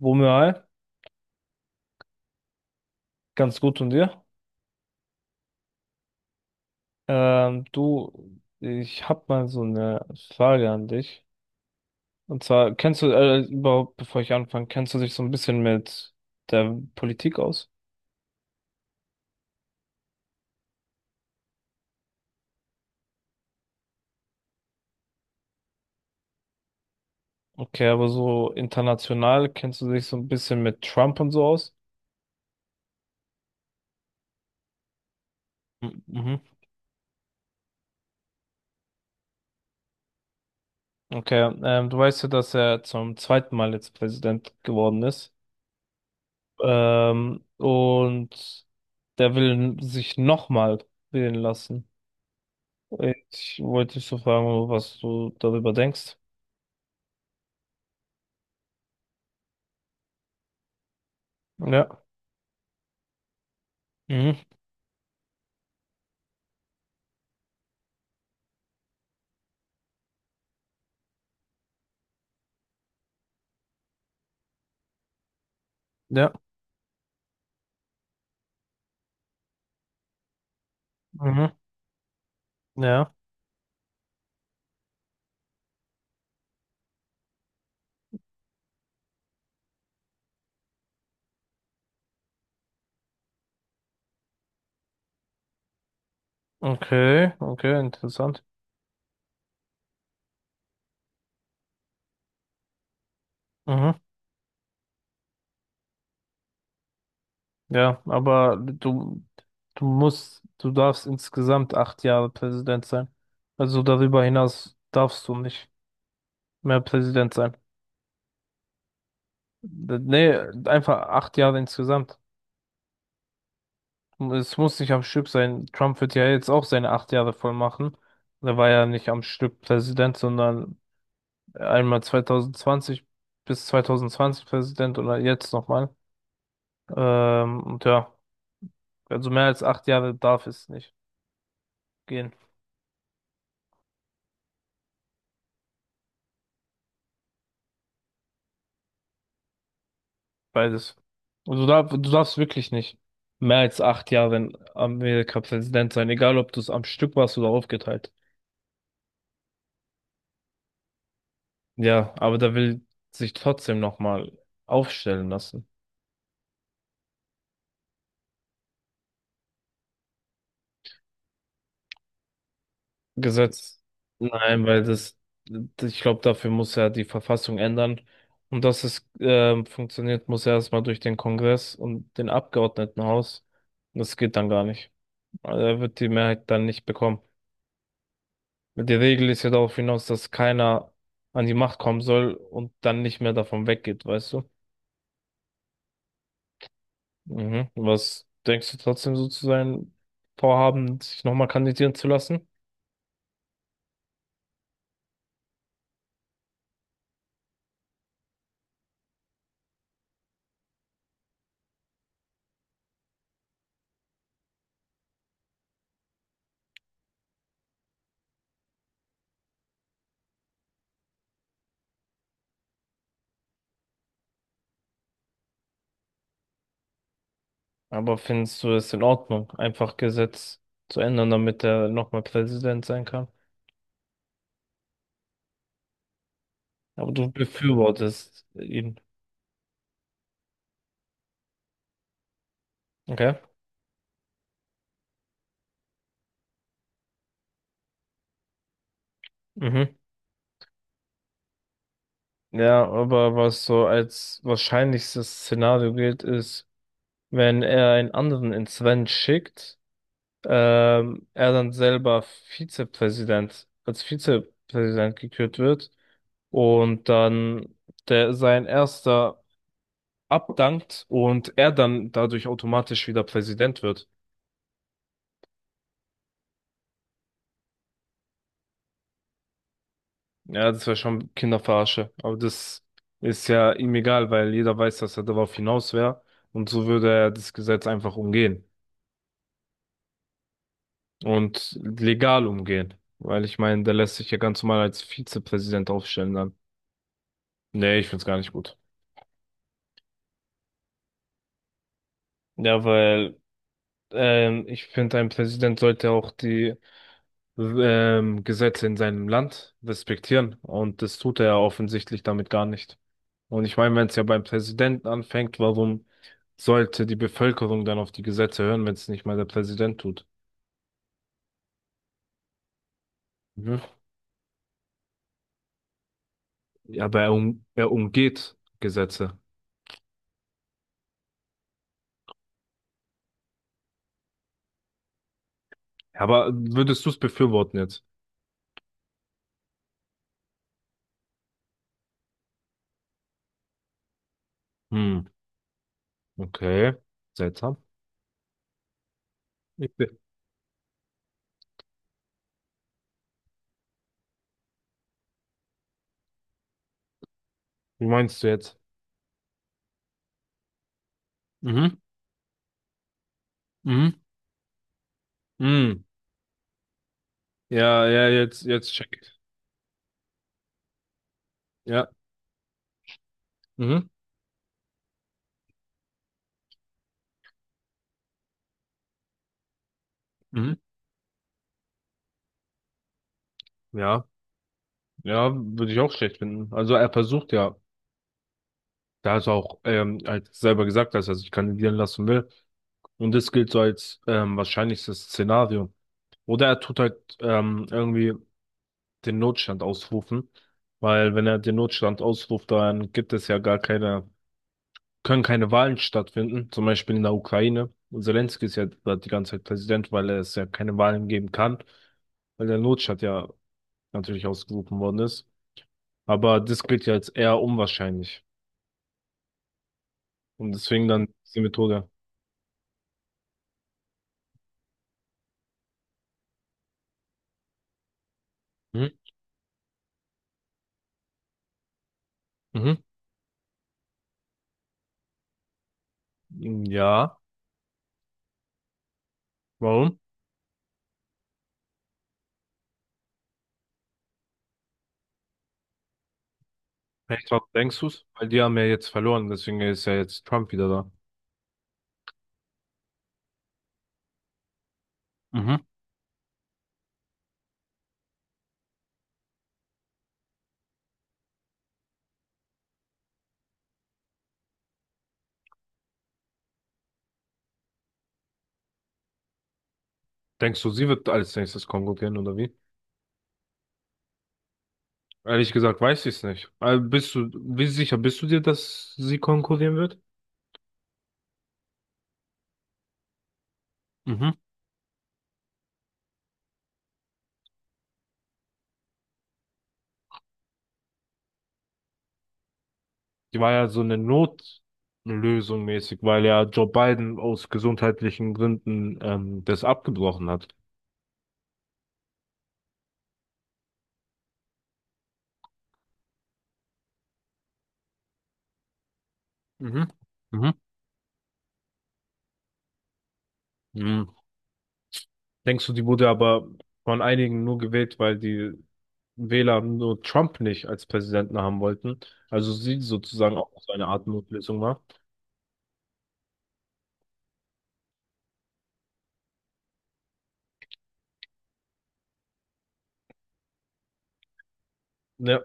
Womöal, ganz gut und dir? Du, ich habe mal so eine Frage an dich. Und zwar, kennst du, überhaupt, bevor ich anfange, kennst du dich so ein bisschen mit der Politik aus? Okay, aber so international kennst du dich so ein bisschen mit Trump und so aus? Mhm, mhm. Okay, du weißt ja, dass er zum zweiten Mal jetzt Präsident geworden ist. Und der will sich nochmal wählen lassen. Ich wollte dich so fragen, was du darüber denkst. Ja. Mhm. Ja. Mhm. Ja. Okay. Okay, interessant. Mhm. Ja, aber du, du darfst insgesamt acht Jahre Präsident sein. Also darüber hinaus darfst du nicht mehr Präsident sein. Nee, einfach acht Jahre insgesamt. Es muss nicht am Stück sein. Trump wird ja jetzt auch seine acht Jahre voll machen. Er war ja nicht am Stück Präsident, sondern einmal 2020 bis 2020 Präsident oder jetzt nochmal. Und ja, also mehr als acht Jahre darf es nicht gehen, beides. Also da, du darfst wirklich nicht mehr als acht Jahre in Amerika Präsident sein, egal ob du es am Stück warst oder aufgeteilt. Ja, aber da will sich trotzdem nochmal aufstellen lassen. Gesetz. Nein, weil das, ich glaube, dafür muss er die Verfassung ändern. Und dass es funktioniert, muss erstmal durch den Kongress und den Abgeordnetenhaus. Und das geht dann gar nicht. Also er wird die Mehrheit dann nicht bekommen. Die Regel ist ja darauf hinaus, dass keiner an die Macht kommen soll und dann nicht mehr davon weggeht, weißt du? Mhm. Was denkst du trotzdem so zu sein, Vorhaben, sich nochmal kandidieren zu lassen? Aber findest du es in Ordnung, einfach Gesetz zu ändern, damit er nochmal Präsident sein kann? Aber du befürwortest ihn. Okay. Mhm. Ja, aber was so als wahrscheinlichstes Szenario gilt, ist, wenn er einen anderen ins Rennen schickt, er dann selber Vizepräsident, als Vizepräsident gekürt wird und dann der sein erster abdankt und er dann dadurch automatisch wieder Präsident wird. Ja, das wäre schon Kinderverarsche. Aber das ist ja ihm egal, weil jeder weiß, dass er darauf hinaus wäre. Und so würde er das Gesetz einfach umgehen. Und legal umgehen. Weil ich meine, der lässt sich ja ganz normal als Vizepräsident aufstellen dann. Nee, ich find's gar nicht gut. Ja, weil ich finde, ein Präsident sollte auch die Gesetze in seinem Land respektieren. Und das tut er ja offensichtlich damit gar nicht. Und ich meine, wenn es ja beim Präsidenten anfängt, warum sollte die Bevölkerung dann auf die Gesetze hören, wenn es nicht mal der Präsident tut? Mhm. Ja, aber er umgeht Gesetze. Aber würdest du es befürworten jetzt? Hm, okay. Seltsam. Ich be- Wie meinst du jetzt? Mhm, mhm, mhm. Ja, ja, jetzt check ich. Ja, mhm, mhm. Ja. Ja, würde ich auch schlecht finden. Also er versucht ja, da ist auch halt selber gesagt, dass er sich kandidieren lassen will. Und das gilt so als wahrscheinlichstes Szenario. Oder er tut halt irgendwie den Notstand ausrufen. Weil wenn er den Notstand ausruft, dann gibt es ja gar keine, können keine Wahlen stattfinden. Zum Beispiel in der Ukraine. Und Zelensky ist ja da die ganze Zeit Präsident, weil es ja keine Wahlen geben kann. Weil der Notstand ja natürlich ausgerufen worden ist. Aber das gilt ja als eher unwahrscheinlich. Und deswegen dann diese Methode. Mhm. Mhm. Ja, warum? Perfekt. Warum denkst du's? Weil die haben ja jetzt verloren, deswegen ist ja jetzt Trump wieder da. Mhm. Denkst du, sie wird als nächstes konkurrieren oder wie? Ehrlich gesagt weiß ich es nicht. Also bist du, wie sicher bist du dir, dass sie konkurrieren wird? Mhm. Die war ja so eine Notlösung mäßig, weil ja Joe Biden aus gesundheitlichen Gründen das abgebrochen hat. Mhm. Mhm. Mhm. Denkst du, die wurde aber von einigen nur gewählt, weil die Wähler nur Trump nicht als Präsidenten haben wollten. Also sie sozusagen auch so eine Art Notlösung war. Ja,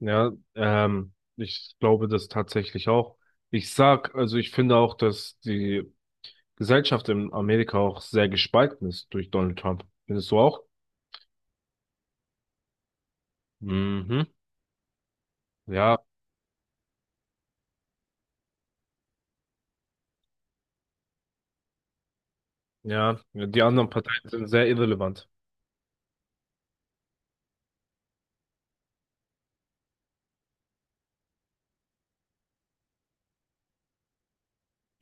ja, ich glaube das tatsächlich auch. Ich sag, also ich finde auch, dass die Gesellschaft in Amerika auch sehr gespalten ist durch Donald Trump. Findest du auch? Mhm. Ja, ja, die anderen Parteien sind sehr irrelevant.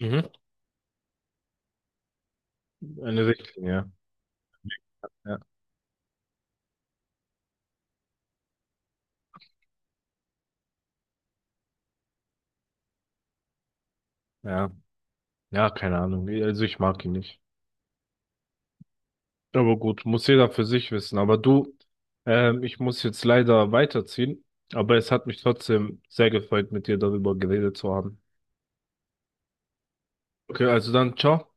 Mhm. Eine Richtlinie. Ja. Ja, ja, ja, keine Ahnung. Also ich mag ihn nicht. Aber gut, muss jeder für sich wissen. Aber du, ich muss jetzt leider weiterziehen. Aber es hat mich trotzdem sehr gefreut, mit dir darüber geredet zu haben. Okay, also dann, ciao.